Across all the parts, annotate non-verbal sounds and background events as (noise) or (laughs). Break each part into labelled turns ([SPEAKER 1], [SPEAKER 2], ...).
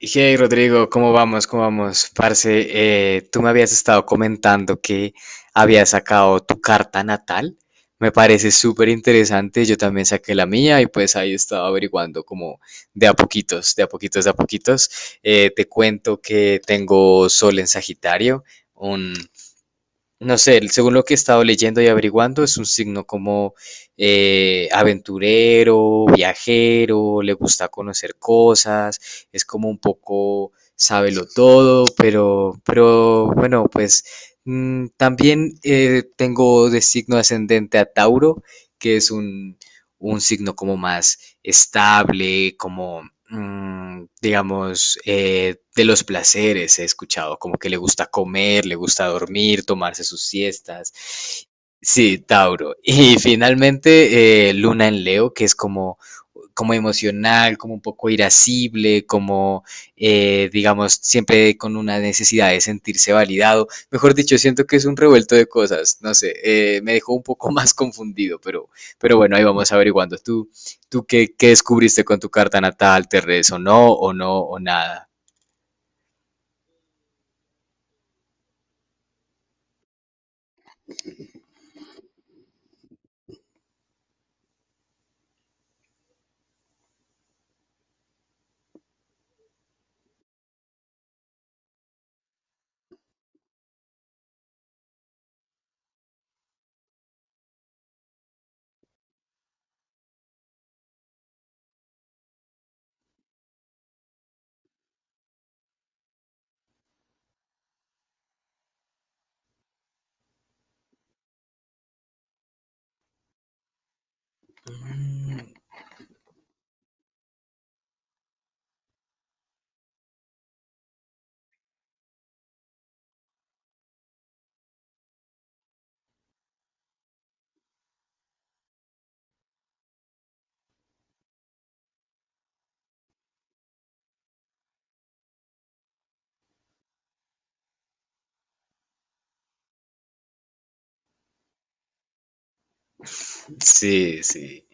[SPEAKER 1] Hey Rodrigo, ¿cómo vamos? ¿Cómo vamos? Parce, tú me habías estado comentando que habías sacado tu carta natal. Me parece súper interesante. Yo también saqué la mía y pues ahí estaba averiguando como de a poquitos, de a poquitos, de a poquitos. Te cuento que tengo Sol en Sagitario, no sé, según lo que he estado leyendo y averiguando, es un signo como aventurero, viajero, le gusta conocer cosas, es como un poco sábelo todo, pero bueno, pues también tengo de signo ascendente a Tauro, que es un, un signo como más estable, como digamos, de los placeres he escuchado, como que le gusta comer, le gusta dormir, tomarse sus siestas. Sí, Tauro. Y finalmente, Luna en Leo, que es como como emocional, como un poco irascible, digamos, siempre con una necesidad de sentirse validado. Mejor dicho, siento que es un revuelto de cosas, no sé, me dejó un poco (laughs) más confundido, pero bueno, ahí vamos averiguando. ¿Tú qué, qué descubriste con tu carta natal? ¿Te resonó o no o nada? Mm. Sí, sí.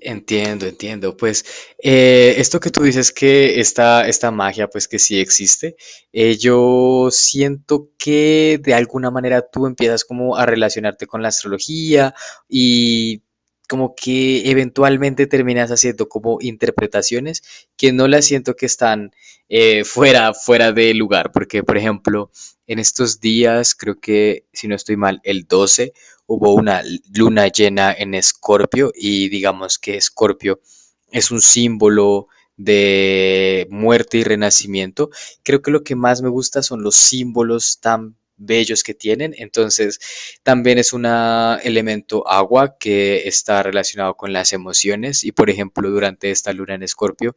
[SPEAKER 1] Entiendo, entiendo. Pues esto que tú dices que esta magia, pues que sí existe, yo siento que de alguna manera tú empiezas como a relacionarte con la astrología y como que eventualmente terminas haciendo como interpretaciones que no las siento que están fuera de lugar, porque por ejemplo, en estos días, creo que si no estoy mal, el 12 hubo una luna llena en Escorpio y digamos que Escorpio es un símbolo de muerte y renacimiento. Creo que lo que más me gusta son los símbolos tan bellos que tienen. Entonces, también es un elemento agua que está relacionado con las emociones y, por ejemplo, durante esta luna en Escorpio,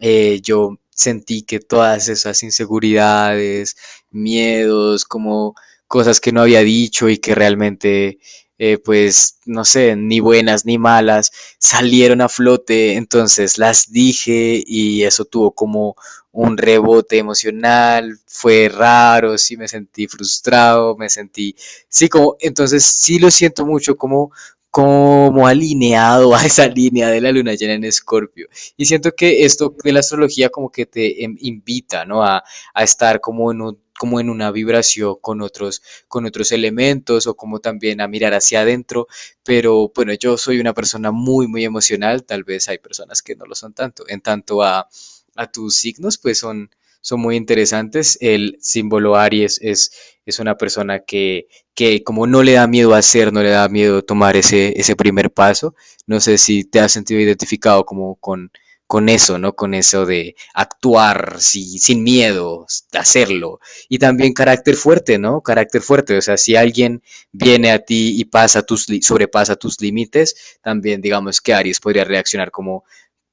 [SPEAKER 1] yo sentí que todas esas inseguridades, miedos, como cosas que no había dicho y que realmente, pues, no sé, ni buenas ni malas, salieron a flote, entonces las dije y eso tuvo como un rebote emocional, fue raro, sí me sentí frustrado, me sentí, sí, como, entonces sí lo siento mucho como como alineado (laughs) a esa línea de la luna llena en Escorpio. Y siento que esto de la astrología como que te invita, ¿no? A estar como en un como en una vibración con otros elementos o como también a mirar hacia adentro. Pero bueno, yo soy una persona muy, muy emocional. Tal vez hay personas que no lo son tanto. En tanto a tus signos, pues son, son muy interesantes. El símbolo Aries es una persona que como no le da miedo hacer, no le da miedo tomar ese, ese primer paso. No sé si te has sentido identificado como con eso, ¿no? Con eso de actuar sin miedo, de hacerlo. Y también carácter fuerte, ¿no? Carácter fuerte. O sea, si alguien viene a ti y pasa tus, sobrepasa tus límites, también digamos que Aries podría reaccionar como,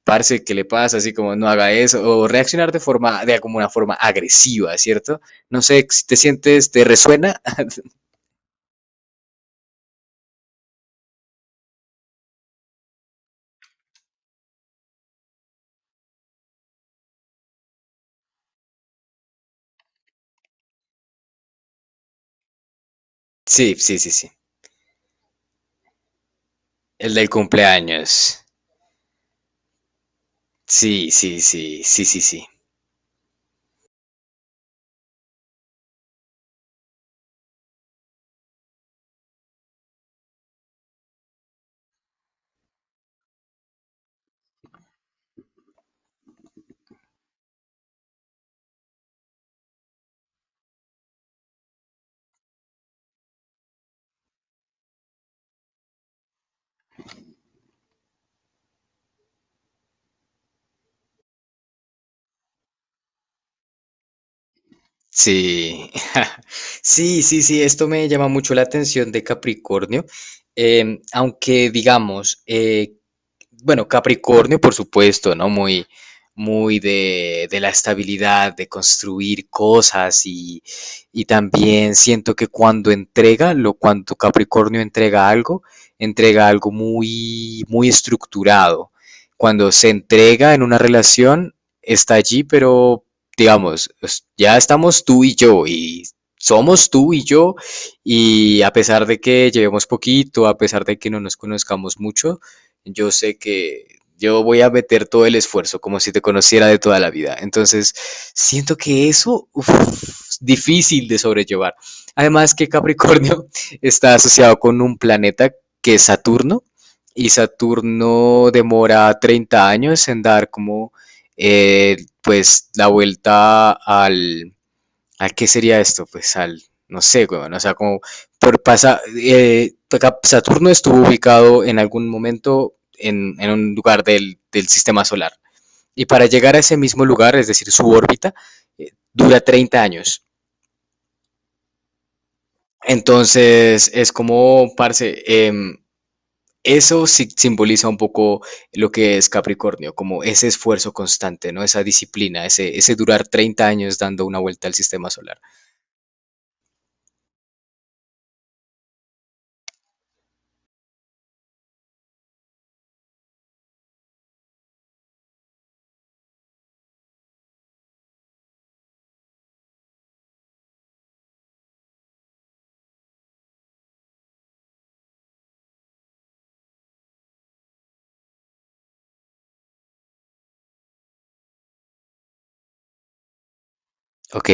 [SPEAKER 1] parce, ¿qué le pasa? Así como, no haga eso. O reaccionar de forma, de como una forma agresiva, ¿cierto? No sé, si te sientes, ¿te resuena? (laughs) Sí, sí, sí, sí. El del cumpleaños. Sí, sí, sí, sí, sí, sí. Sí, (laughs) sí, sí, sí, esto me llama mucho la atención de Capricornio, aunque digamos, bueno, Capricornio, por supuesto, ¿no? Muy, muy de la estabilidad, de construir cosas y también siento que cuando entrega, lo cuando Capricornio entrega algo muy, muy estructurado. Cuando se entrega en una relación, está allí, pero digamos, es- ya estamos tú y yo y somos tú y yo y a pesar de que llevemos poquito, a pesar de que no nos conozcamos mucho, yo sé que yo voy a meter todo el esfuerzo, como si te conociera de toda la vida. Entonces, siento que eso uf, es difícil de sobrellevar. Además que Capricornio (laughs) está asociado con un planeta que es Saturno, y Saturno demora 30 años en dar como pues la vuelta al, ¿a qué sería esto? Pues al, no sé, weón, o sea, como por pasa, Saturno estuvo ubicado en algún momento en un lugar del sistema solar. Y para llegar a ese mismo lugar, es decir, su órbita, dura 30 años. Entonces, es como, parce, eso sí simboliza un poco lo que es Capricornio, como ese esfuerzo constante, ¿no? Esa disciplina, ese durar 30 años dando una vuelta al sistema solar. Ok.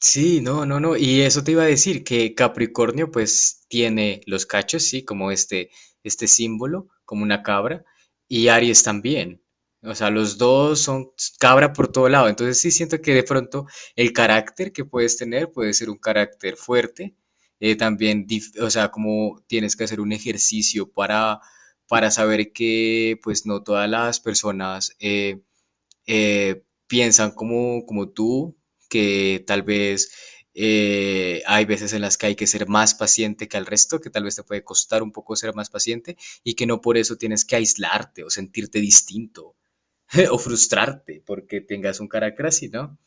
[SPEAKER 1] Sí, no, no, no. Y eso te iba a decir, que Capricornio pues tiene los cachos, sí, como este símbolo, como una cabra, y Aries también. O sea, los dos son cabra por todo lado. Entonces sí siento que de pronto el carácter que puedes tener puede ser un carácter fuerte. También, o sea, como tienes que hacer un ejercicio para saber que pues no todas las personas... piensan como, como tú, que tal vez hay veces en las que hay que ser más paciente que al resto, que tal vez te puede costar un poco ser más paciente y que no por eso tienes que aislarte o sentirte distinto (laughs) o frustrarte porque tengas un carácter así, ¿no?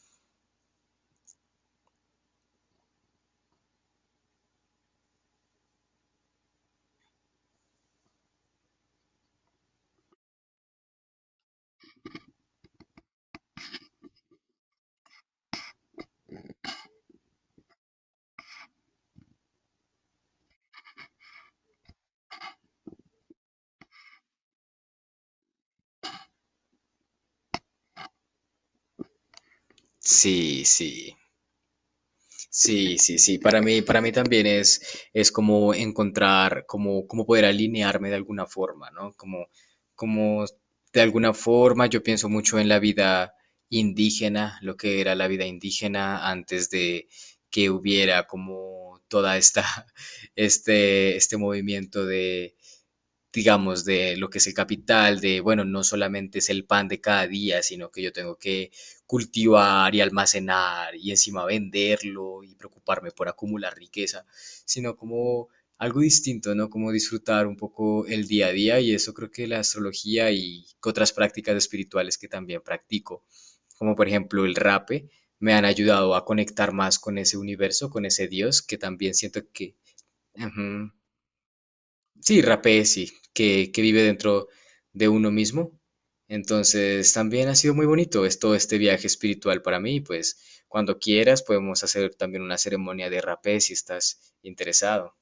[SPEAKER 1] Sí, sí. Sí, sí, sí. Para mí también es como encontrar, como, como poder alinearme de alguna forma, ¿no? Como, como de alguna forma yo pienso mucho en la vida indígena, lo que era la vida indígena antes de que hubiera como toda esta, (laughs) este movimiento de digamos, de lo que es el capital, de, bueno, no solamente es el pan de cada día, sino que yo tengo que cultivar y almacenar y encima venderlo y preocuparme por acumular riqueza, sino como algo distinto, ¿no? Como disfrutar un poco el día a día y eso creo que la astrología y otras prácticas espirituales que también practico, como por ejemplo el rape, me han ayudado a conectar más con ese universo, con ese Dios, que también siento que... Ujú. Sí, rapé, sí, que vive dentro de uno mismo. Entonces, también ha sido muy bonito es todo este viaje espiritual para mí. Pues, cuando quieras, podemos hacer también una ceremonia de rapé si estás interesado.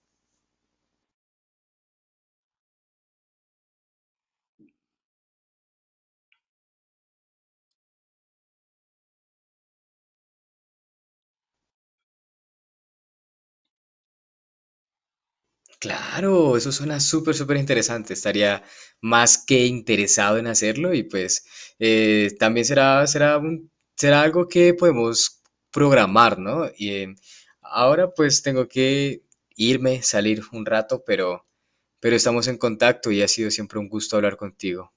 [SPEAKER 1] Claro, eso suena súper, súper interesante. Estaría más que interesado en hacerlo y pues también será, será algo que podemos programar, ¿no? Y, ahora pues tengo que irme, salir un rato, pero estamos en contacto y ha sido siempre un gusto hablar contigo.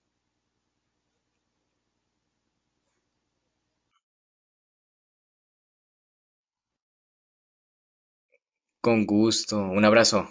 [SPEAKER 1] Con gusto, un abrazo.